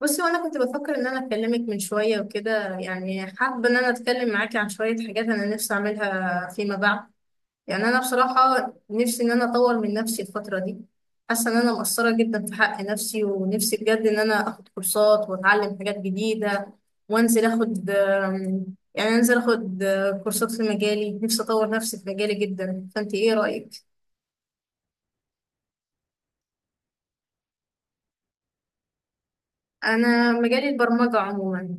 بصي، وانا كنت بفكر ان انا اكلمك من شويه وكده، يعني حابه ان انا اتكلم معاكي عن شويه حاجات انا نفسي اعملها فيما بعد. يعني انا بصراحه نفسي ان انا اطور من نفسي الفتره دي. حاسه ان انا مقصره جدا في حق نفسي، ونفسي بجد ان انا اخد كورسات واتعلم حاجات جديده وانزل اخد يعني انزل اخد كورسات في مجالي. نفسي اطور نفسي في مجالي جدا. فانت ايه رايك؟ انا مجالي البرمجه عموما.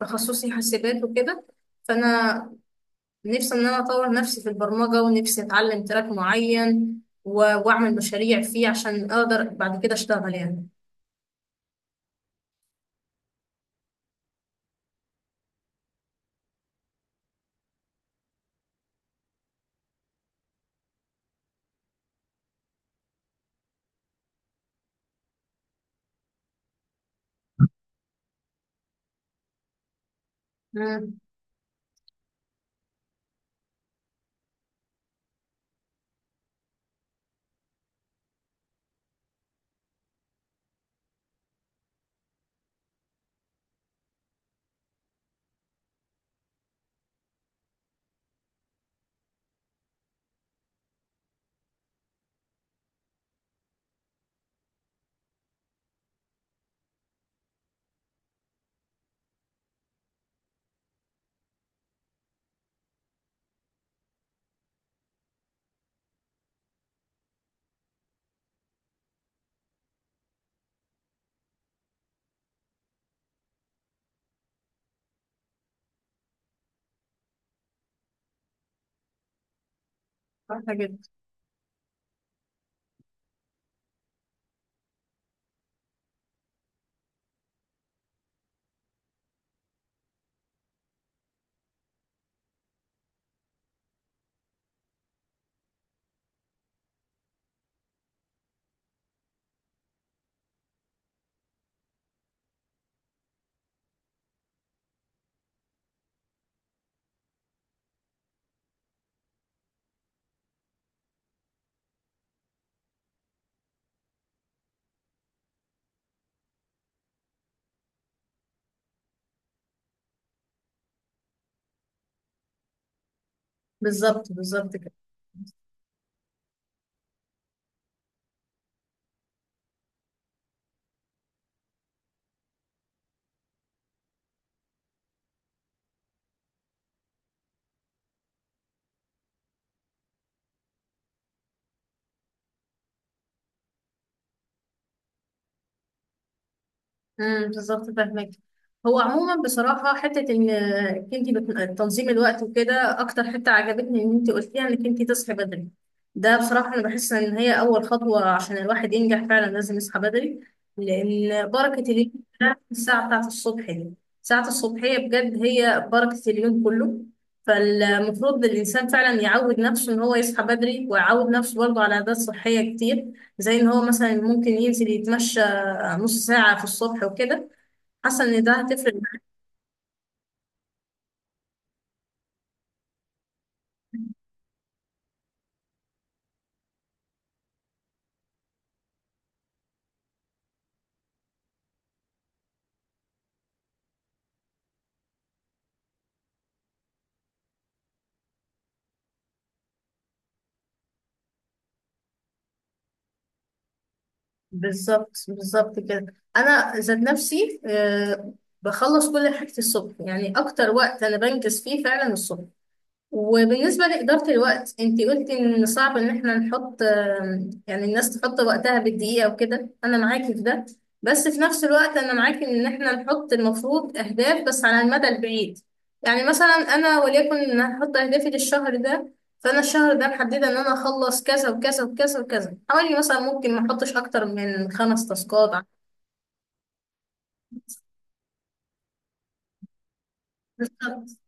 تخصصي حاسبات وكده. فانا نفسي ان انا اطور نفسي في البرمجة، ونفسي اتعلم تراك معين واعمل مشاريع فيه عشان اقدر بعد كده اشتغل يعني. امم. صح جدا. بالظبط بالظبط كده. بالظبط فاهمك. هو عموما بصراحه حته ان انت تنظيم الوقت وكده اكتر حته عجبتني، ان انت قلتيها انك انت تصحي بدري. ده بصراحه انا بحس ان هي اول خطوه. عشان الواحد ينجح فعلا لازم يصحى بدري، لان بركه اليوم ده الساعه بتاعه الصبح دي. ساعه الصبحيه بجد هي بركه اليوم كله. فالمفروض الانسان فعلا يعود نفسه ان هو يصحى بدري، ويعود نفسه برضه على عادات صحيه كتير، زي ان هو مثلا ممكن ينزل يتمشى نص ساعة في الصبح وكده. حاسة إن ده هتفرق معايا. بالظبط بالظبط كده. أنا ذات نفسي بخلص كل حاجتي الصبح. يعني أكتر وقت أنا بنجز فيه فعلا الصبح. وبالنسبة لإدارة الوقت، انتي قلتي ان صعب ان احنا نحط يعني الناس تحط وقتها بالدقيقة وكده، انا معاكي في ده. بس في نفس الوقت انا معاكي ان احنا نحط المفروض اهداف بس على المدى البعيد. يعني مثلا، انا وليكن ان هحط اهدافي للشهر ده. فانا الشهر ده محددة ان انا اخلص كذا وكذا وكذا وكذا، حوالي مثلا ممكن ما احطش اكتر من 5 تاسكات. بالظبط.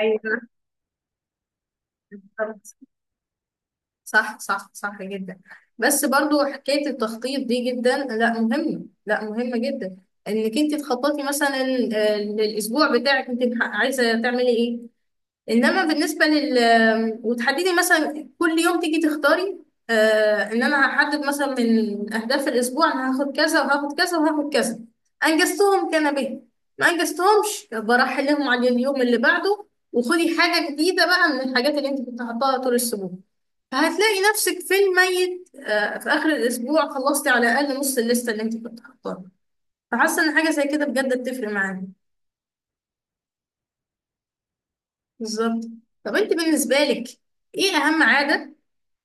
ايوه بالظبط. صح صح صح جدا. بس برضو حكاية التخطيط دي جدا لا مهمة، لا مهمة جدا. انك انت تخططي مثلا للاسبوع بتاعك انت عايزة تعملي ايه. انما بالنسبة لل وتحددي مثلا كل يوم تيجي تختاري، ان انا هحدد مثلا من اهداف الاسبوع انا هاخد كذا وهاخد كذا وهاخد كذا. انجزتهم كان به، ما انجزتهمش برحلهم على اليوم اللي بعده، وخدي حاجة جديدة بقى من الحاجات اللي انت كنت حاطاها طول الاسبوع. فهتلاقي نفسك في الميت آه، في آخر الأسبوع خلصتي على الأقل نص الليستة اللي أنت كنت حاطاها. فحاسة إن حاجة زي كده بجد بتفرق معانا. بالظبط. طب أنت بالنسبة لك إيه أهم عادة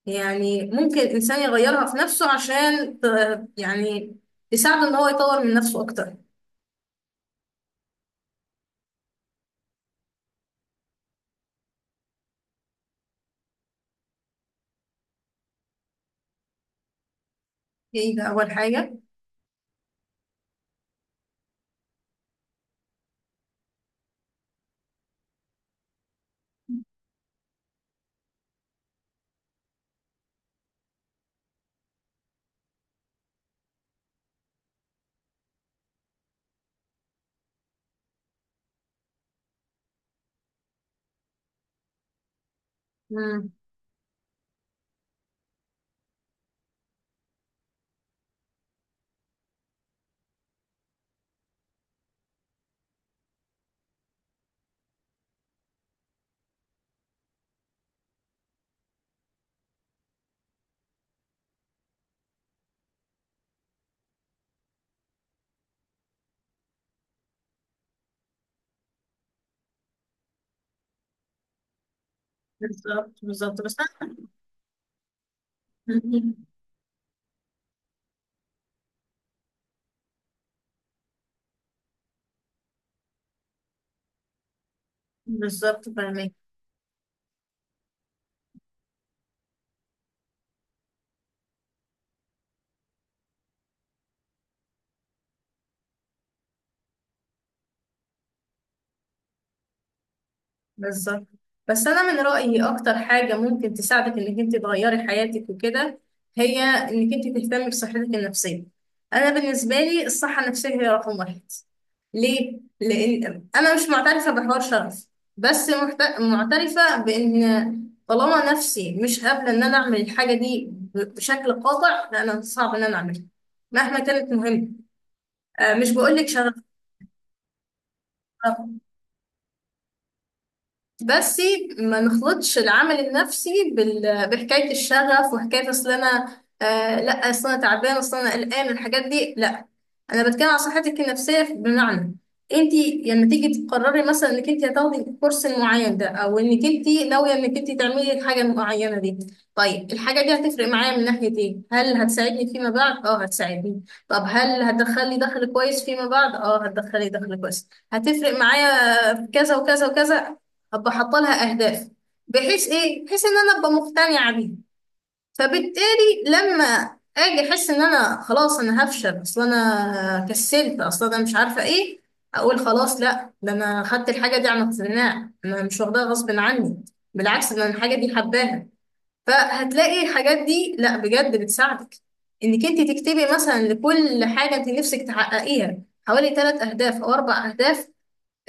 يعني ممكن الإنسان يغيرها في نفسه عشان يعني تساعده إن هو يطور من نفسه أكتر؟ إيه ده أول حاجة؟ مم. بالظبط بالظبط مم. بالظبط فاهمك. بالظبط بس انا من رايي اكتر حاجه ممكن تساعدك انك انت تغيري حياتك وكده، هي انك انت تهتمي بصحتك النفسيه. انا بالنسبه لي الصحه النفسيه هي رقم واحد. ليه؟ لان انا مش معترفه بحوار شرف. بس معترفه بان طالما نفسي مش قابله ان انا اعمل الحاجه دي بشكل قاطع، فانا صعب ان انا اعملها، مهما كانت مهمه. مش بقول لك شرف. بس ما نخلطش العمل النفسي بحكاية الشغف وحكاية اصل انا لا، اصل انا تعبان، اصل انا قلقان، الحاجات دي لا. انا بتكلم عن صحتك النفسيه، بمعنى انت لما تيجي تقرري مثلا انك انت هتاخدي الكورس المعين ده، او انك انت ناويه انك انت تعملي الحاجه المعينه دي، طيب الحاجه دي هتفرق معايا من ناحيه ايه؟ هل هتساعدني فيما بعد؟ اه هتساعدني. طب هل هتدخلي دخل كويس فيما بعد؟ اه هتدخلي دخل كويس، هتفرق معايا في كذا وكذا وكذا. ابقى حاطه لها اهداف، بحيث ايه؟ بحيث ان انا ابقى مقتنعه بيها. فبالتالي لما اجي احس ان انا خلاص انا هفشل، اصل انا كسلت، اصل انا مش عارفه ايه، اقول خلاص لا، ده انا خدت الحاجه دي عن اقتناع، انا مش واخداها غصب عني، بالعكس، ده انا الحاجه دي حباها. فهتلاقي الحاجات دي لا بجد بتساعدك انك انت تكتبي مثلا لكل حاجه انت نفسك تحققيها حوالي 3 اهداف او 4 اهداف.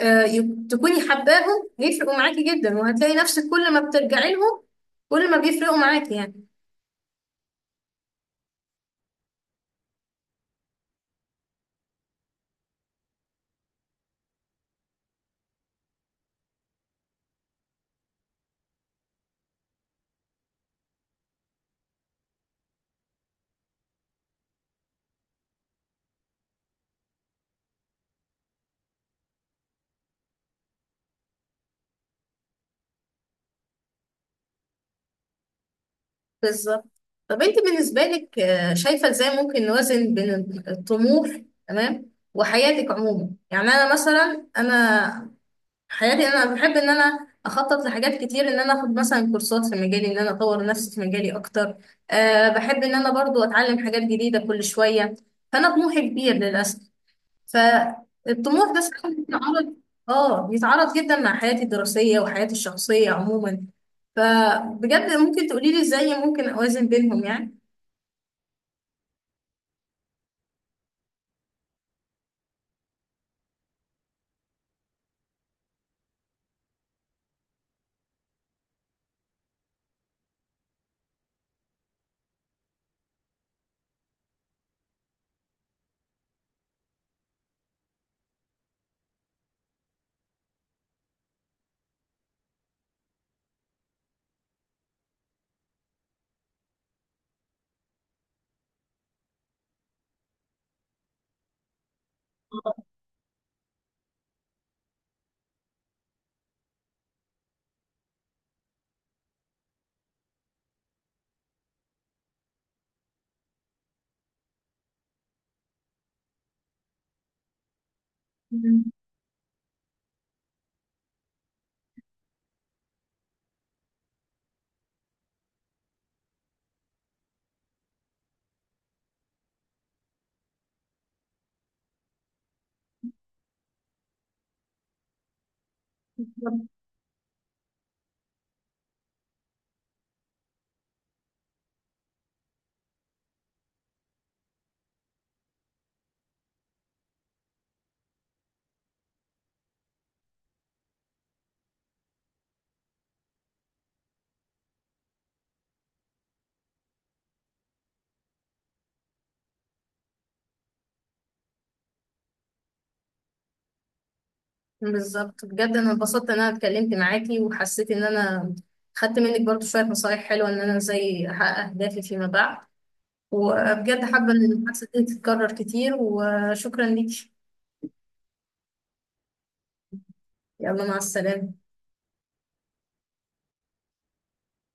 تكوني حباهم هيفرقوا معاكي جدا، وهتلاقي نفسك كل ما بترجعي لهم، كل ما بيفرقوا معاكي يعني. بالظبط. طب انت بالنسبة لك شايفة ازاي ممكن نوازن بين الطموح، تمام، وحياتك عموما؟ يعني انا مثلا، انا حياتي انا بحب ان انا اخطط لحاجات كتير، ان انا اخد مثلا كورسات في مجالي، ان انا اطور نفسي في مجالي اكتر. أه بحب ان انا برضو اتعلم حاجات جديدة كل شوية. فانا طموحي كبير للاسف. فالطموح ده ساعات بيتعارض. اه بيتعارض جدا مع حياتي الدراسية وحياتي الشخصية عموما. فبجد ممكن تقولي لي ازاي ممكن اوازن بينهم يعني. مم. بالظبط بجد انا اتبسطت ان انا اتكلمت معاكي، وحسيت ان انا خدت منك برضو شوية نصايح حلوة ان انا ازاي احقق اهدافي فيما بعد. وبجد حابة ان المحادثة دي تتكرر كتير، وشكرا ليكي. يلا، مع السلامة.